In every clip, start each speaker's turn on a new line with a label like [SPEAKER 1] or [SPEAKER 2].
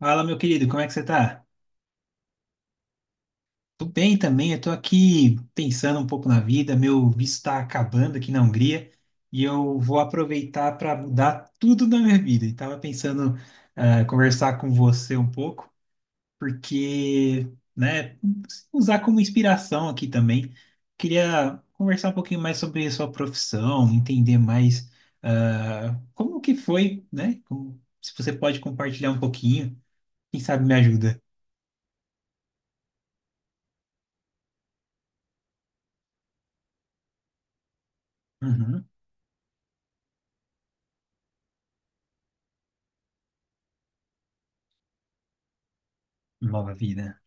[SPEAKER 1] Fala, meu querido, como é que você tá? Tô bem também, eu tô aqui pensando um pouco na vida, meu visto tá acabando aqui na Hungria e eu vou aproveitar para mudar tudo na minha vida. E tava pensando conversar com você um pouco, porque, né, usar como inspiração aqui também. Queria conversar um pouquinho mais sobre a sua profissão, entender mais como que foi, né? Se você pode compartilhar um pouquinho, quem sabe me ajuda. Uhum. Nova vida.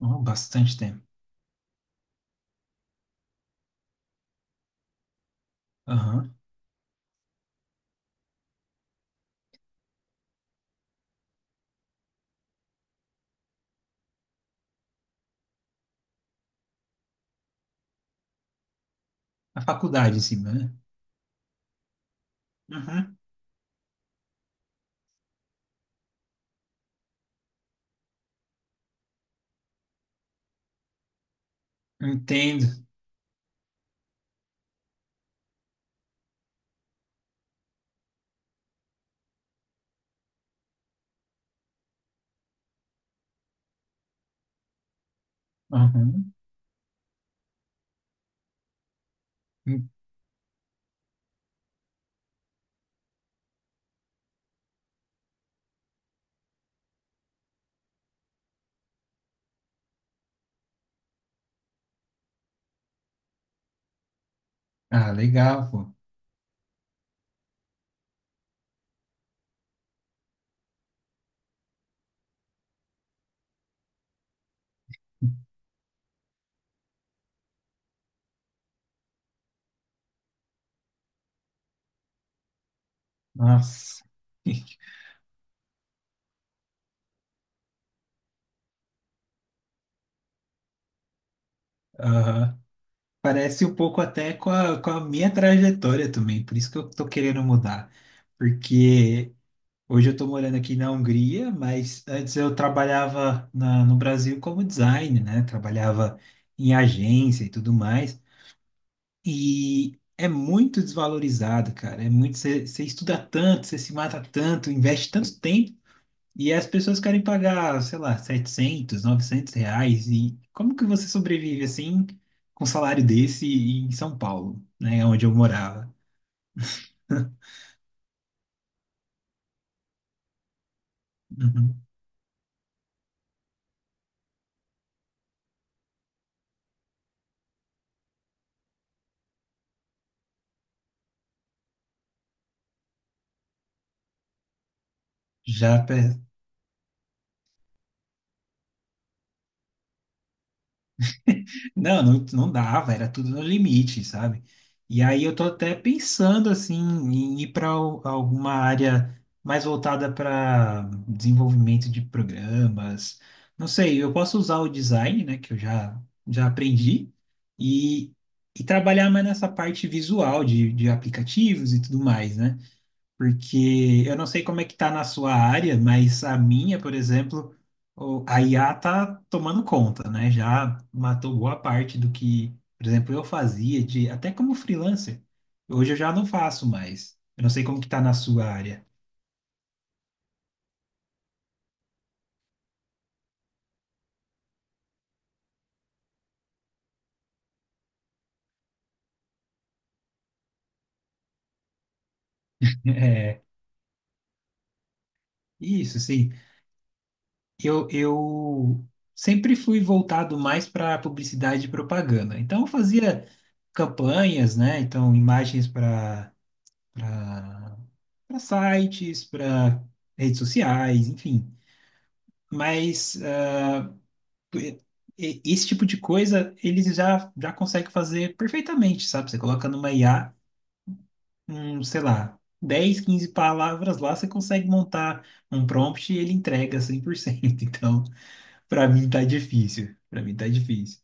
[SPEAKER 1] Oh, bastante tempo. Aham. A faculdade, sim, né? Uhum. Entendo. Aham. Ah, legal, pô. Nossa. Aham. Parece um pouco até com a minha trajetória também, por isso que eu tô querendo mudar. Porque hoje eu tô morando aqui na Hungria, mas antes eu trabalhava no Brasil como design, né? Trabalhava em agência e tudo mais. E é muito desvalorizado, cara. É muito, você estuda tanto, você se mata tanto, investe tanto tempo, e as pessoas querem pagar, sei lá, 700, 900 reais. E como que você sobrevive assim com um salário desse em São Paulo, né, onde eu morava? Uhum. Já pe- Não, não, não dava, era tudo no limite, sabe? E aí eu tô até pensando assim em ir para alguma área mais voltada para desenvolvimento de programas. Não sei, eu posso usar o design, né, que eu já aprendi e, e trabalhar mais nessa parte visual de aplicativos e tudo mais, né? Porque eu não sei como é que tá na sua área, mas a minha, por exemplo, a IA tá tomando conta, né? Já matou boa parte do que, por exemplo, eu fazia de até como freelancer. Hoje eu já não faço mais. Eu não sei como que tá na sua área. É, isso, sim. Eu sempre fui voltado mais para publicidade e propaganda. Então eu fazia campanhas, né? Então imagens para para sites, para redes sociais, enfim. Mas esse tipo de coisa eles já conseguem fazer perfeitamente, sabe? Você coloca numa IA, um, sei lá, 10, 15 palavras lá, você consegue montar um prompt e ele entrega 100%. Então, para mim tá difícil. Para mim tá difícil.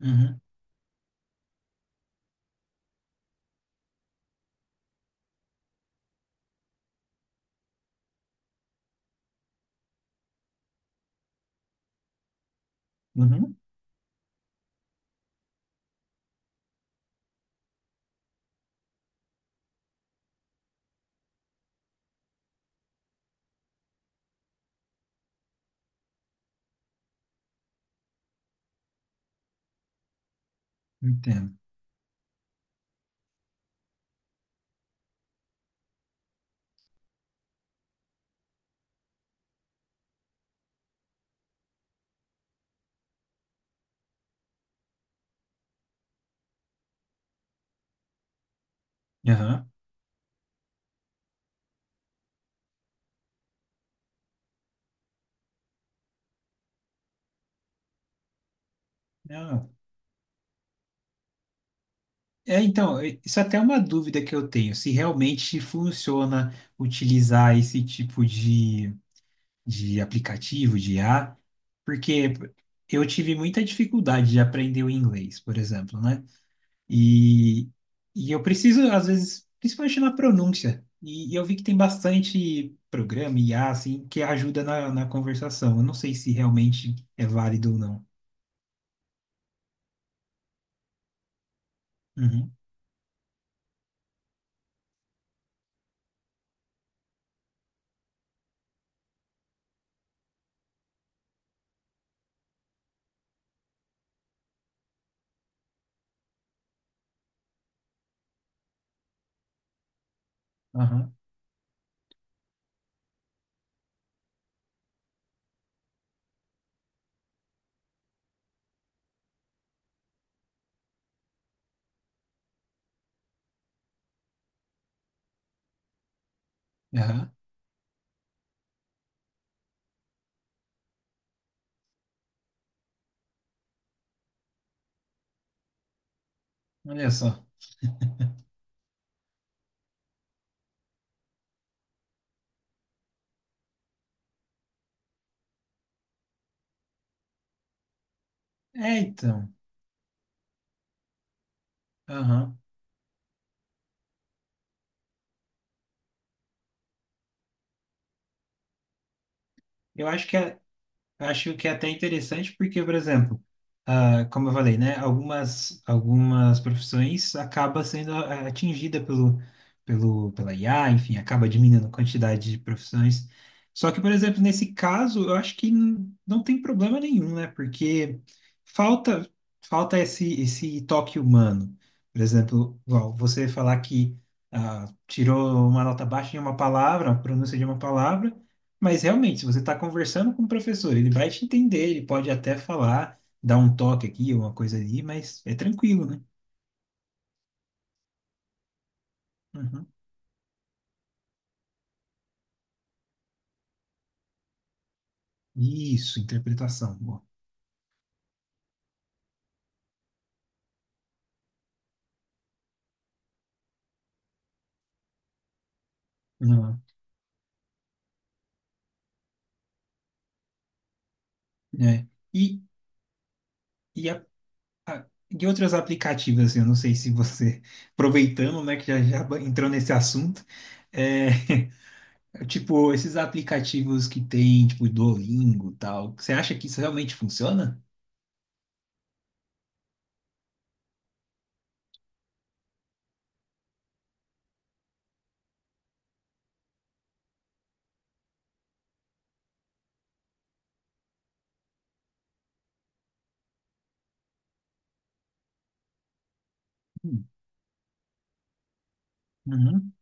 [SPEAKER 1] Uhum, uhum, entendo. Aham. Ah, é, então, isso até é uma dúvida que eu tenho, se realmente funciona utilizar esse tipo de aplicativo, de I a porque eu tive muita dificuldade de aprender o inglês, por exemplo, né? E, e eu preciso, às vezes, principalmente na pronúncia, e eu vi que tem bastante programa, I a assim, que ajuda na conversação. Eu não sei se realmente é válido ou não. Uhum, aham, aham. Olha só. É, então. Aham. Eu acho que Acho que é até interessante porque, por exemplo, como eu falei, né, algumas profissões acaba sendo atingida pelo pelo pela IA, enfim, acaba diminuindo a quantidade de profissões. Só que, por exemplo, nesse caso, eu acho que não tem problema nenhum, né? Porque falta falta esse toque humano. Por exemplo, igual você falar que tirou uma nota baixa em uma palavra, a pronúncia de uma palavra, mas realmente, se você está conversando com o professor, ele vai te entender, ele pode até falar, dar um toque aqui, uma coisa ali, mas é tranquilo, né? Uhum. Isso, interpretação. Boa. Uhum. É. E, e, a, e outros aplicativos, assim, eu não sei se você, aproveitando, né, que já entrou nesse assunto, é, tipo, esses aplicativos que tem, tipo, Duolingo e tal, você acha que isso realmente funciona? Hum. Uhum.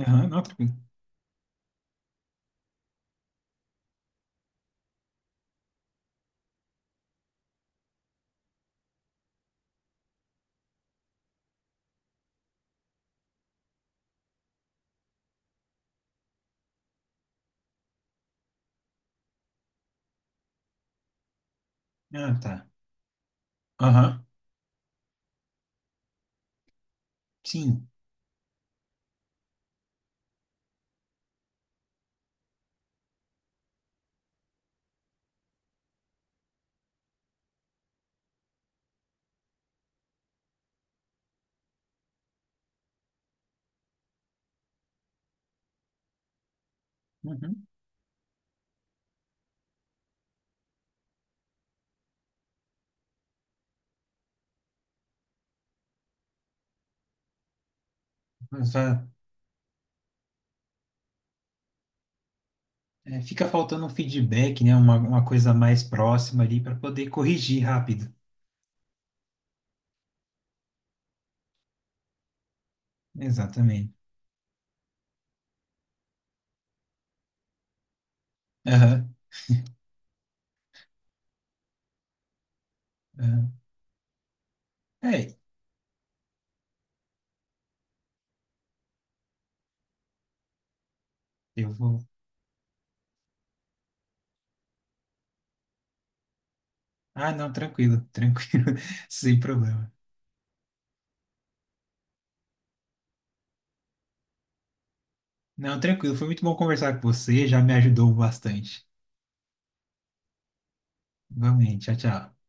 [SPEAKER 1] Aham, não, tranquilo. Ah, tá. Aham, sim. Uhum. Exato. É, fica faltando um feedback, né? Uma coisa mais próxima ali para poder corrigir rápido. Exatamente. Aham, aham. É, eu vou. Ah, não, tranquilo, tranquilo, sem problema. Não, tranquilo, foi muito bom conversar com você, já me ajudou bastante. Igualmente, tchau, tchau.